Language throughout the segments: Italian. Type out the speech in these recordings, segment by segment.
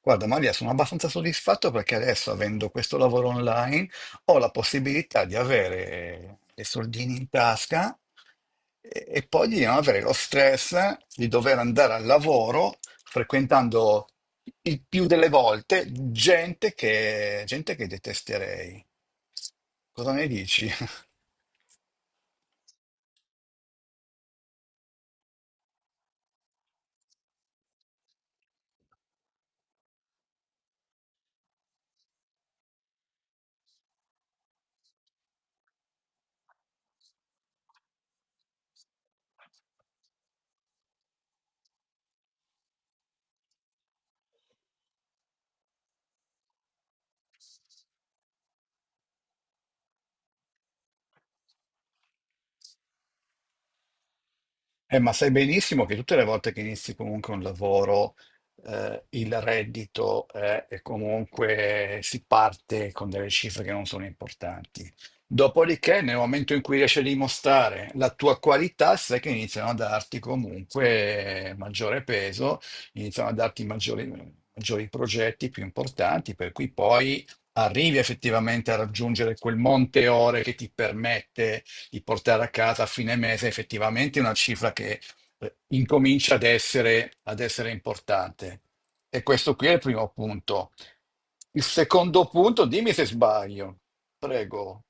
Guarda Maria, sono abbastanza soddisfatto perché adesso, avendo questo lavoro online, ho la possibilità di avere dei soldini in tasca e poi di non avere lo stress di dover andare al lavoro frequentando il più delle volte gente che detesterei. Cosa ne dici? Ma sai benissimo che tutte le volte che inizi comunque un lavoro, il reddito, è comunque si parte con delle cifre che non sono importanti. Dopodiché, nel momento in cui riesci a dimostrare la tua qualità, sai che iniziano a darti comunque maggiore peso, iniziano a darti maggiori progetti più importanti, per cui poi arrivi effettivamente a raggiungere quel monte ore che ti permette di portare a casa a fine mese effettivamente una cifra che incomincia ad ad essere importante. E questo qui è il primo punto. Il secondo punto, dimmi se sbaglio, prego.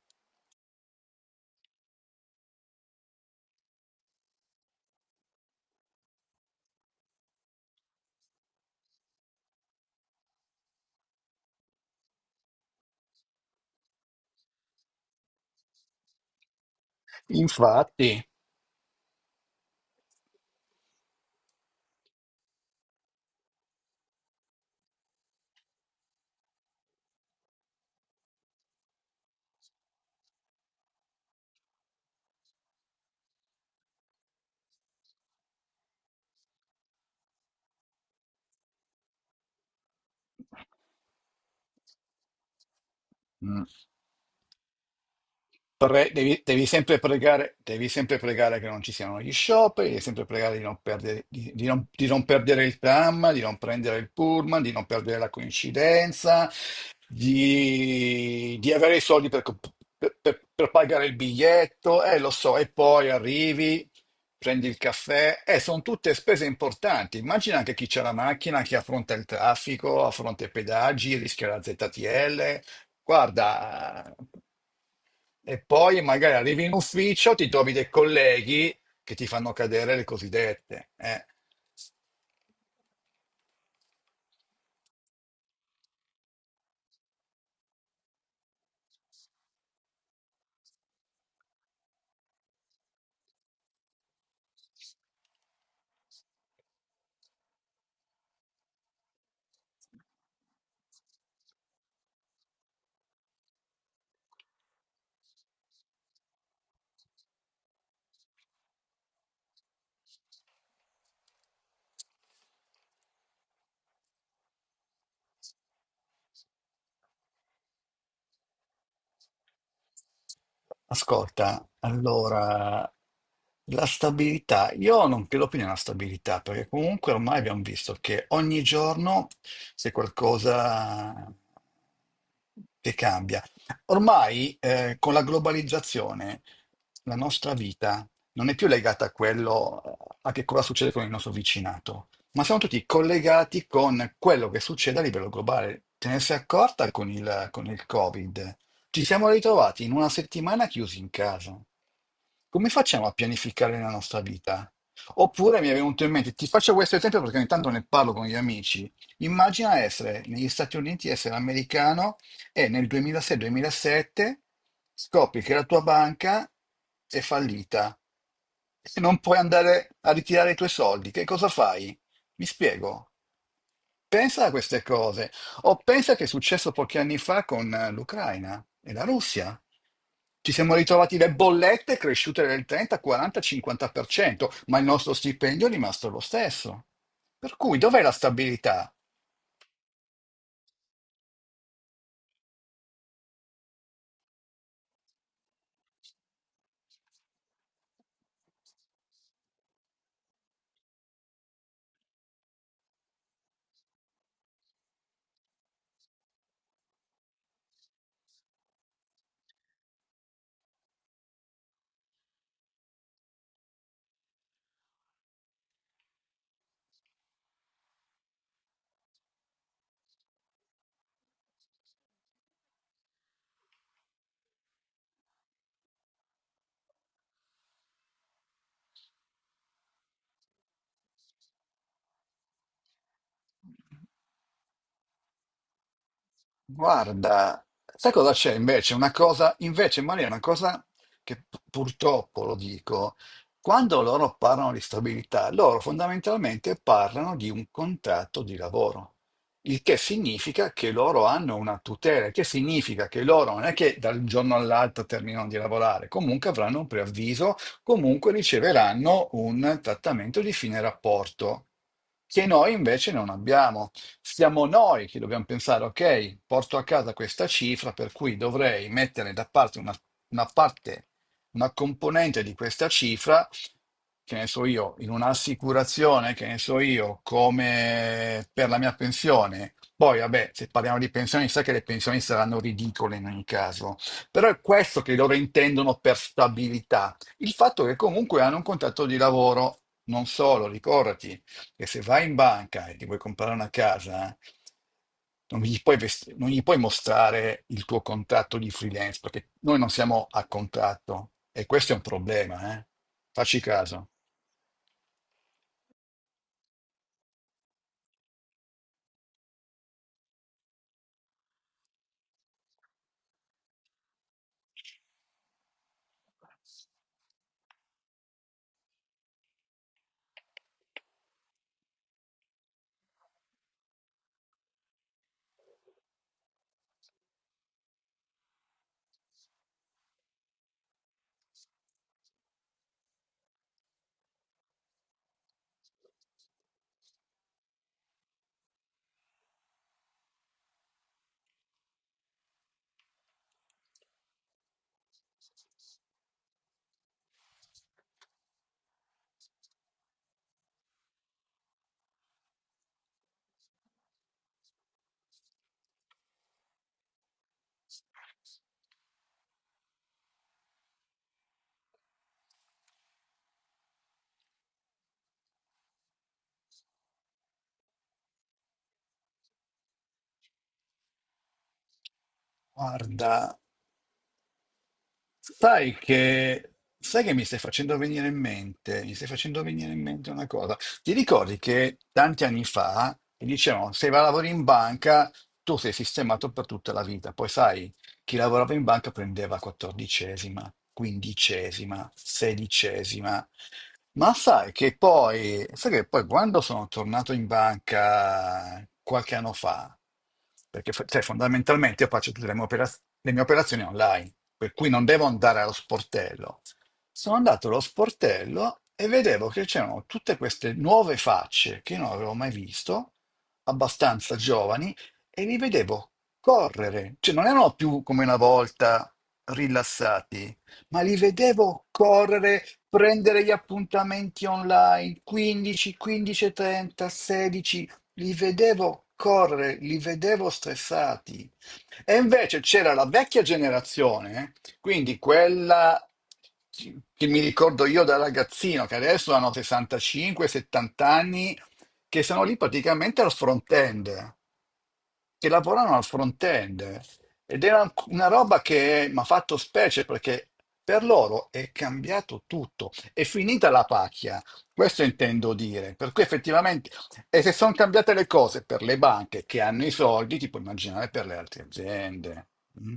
Infatti. Mm. Devi sempre pregare che non ci siano gli scioperi, devi sempre pregare di non perdere, di non perdere il tram, di non prendere il pullman, di non perdere la coincidenza, di avere i soldi per, per pagare il biglietto, lo so, e poi arrivi, prendi il caffè, sono tutte spese importanti. Immagina anche chi c'è la macchina, chi affronta il traffico, affronta i pedaggi, rischia la ZTL. Guarda, e poi magari arrivi in ufficio, ti trovi dei colleghi che ti fanno cadere le cosiddette. Eh. Ascolta, allora, la stabilità, io non credo più nella stabilità, perché comunque ormai abbiamo visto che ogni giorno c'è qualcosa che cambia. Ormai, con la globalizzazione, la nostra vita non è più legata a quello, a che cosa succede con il nostro vicinato, ma siamo tutti collegati con quello che succede a livello globale. Te ne sei accorta con il Covid? Ci siamo ritrovati in una settimana chiusi in casa. Come facciamo a pianificare la nostra vita? Oppure mi è venuto in mente, ti faccio questo esempio perché ogni tanto ne parlo con gli amici. Immagina essere negli Stati Uniti, essere americano e nel 2006-2007 scopri che la tua banca è fallita e non puoi andare a ritirare i tuoi soldi. Che cosa fai? Mi spiego. Pensa a queste cose o pensa che è successo pochi anni fa con l'Ucraina e la Russia. Ci siamo ritrovati le bollette cresciute del 30, 40, 50%, ma il nostro stipendio è rimasto lo stesso. Per cui dov'è la stabilità? Guarda, sai cosa c'è invece? Una cosa, invece, Maria, una cosa che purtroppo lo dico, quando loro parlano di stabilità, loro fondamentalmente parlano di un contratto di lavoro, il che significa che loro hanno una tutela, il che significa che loro non è che dal giorno all'altro terminano di lavorare, comunque avranno un preavviso, comunque riceveranno un trattamento di fine rapporto, che noi invece non abbiamo. Siamo noi che dobbiamo pensare, ok, porto a casa questa cifra, per cui dovrei mettere da parte una parte, una componente di questa cifra, che ne so io, in un'assicurazione, che ne so io, come per la mia pensione. Poi, vabbè, se parliamo di pensioni, sa che le pensioni saranno ridicole in ogni caso. Però è questo che loro intendono per stabilità. Il fatto che comunque hanno un contratto di lavoro, non solo, ricordati che se vai in banca e ti vuoi comprare una casa, non gli puoi mostrare il tuo contratto di freelance, perché noi non siamo a contratto e questo è un problema, eh? Facci caso. Guarda. Sai che, sai che mi stai facendo venire in mente, mi stai facendo venire in mente una cosa. Ti ricordi che tanti anni fa ti dicevano, se vai a lavorare in banca, tu sei sistemato per tutta la vita. Poi sai, chi lavorava in banca prendeva quattordicesima, quindicesima, sedicesima. Sai che poi quando sono tornato in banca qualche anno fa, perché fondamentalmente io faccio tutte le mie operazioni online, per cui non devo andare allo sportello. Sono andato allo sportello e vedevo che c'erano tutte queste nuove facce che io non avevo mai visto, abbastanza giovani, e li vedevo correre, cioè non erano più come una volta rilassati, ma li vedevo correre, prendere gli appuntamenti online, 15, 15:30, 16, li vedevo correre, li vedevo stressati. E invece c'era la vecchia generazione, quindi quella che mi ricordo io da ragazzino, che adesso hanno 65-70 anni, che sono lì praticamente al front end, che lavoravano al front-end ed era una roba che mi ha fatto specie perché per loro è cambiato tutto, è finita la pacchia, questo intendo dire, per cui effettivamente, e se sono cambiate le cose per le banche che hanno i soldi, ti puoi immaginare per le altre aziende. Mm?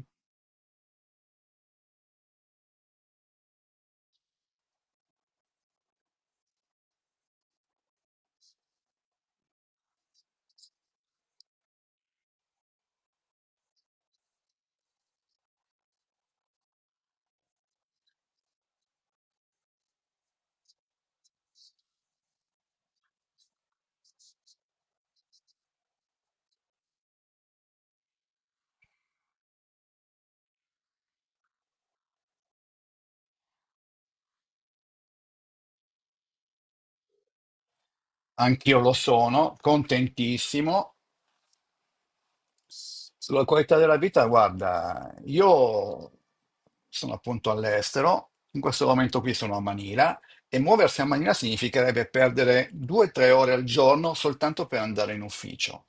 Anch'io lo sono, contentissimo. Sulla qualità della vita, guarda, io sono appunto all'estero, in questo momento qui sono a Manila e muoversi a Manila significherebbe perdere 2 o 3 ore al giorno soltanto per andare in ufficio.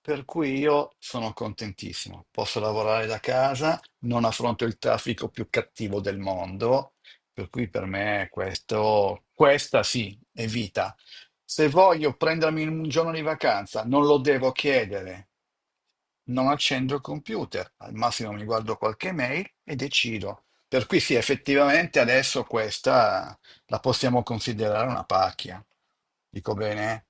Per cui io sono contentissimo, posso lavorare da casa, non affronto il traffico più cattivo del mondo, per cui per me questa sì, è vita. Se voglio prendermi un giorno di vacanza, non lo devo chiedere, non accendo il computer, al massimo mi guardo qualche mail e decido. Per cui sì, effettivamente adesso questa la possiamo considerare una pacchia. Dico bene?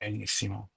Benissimo.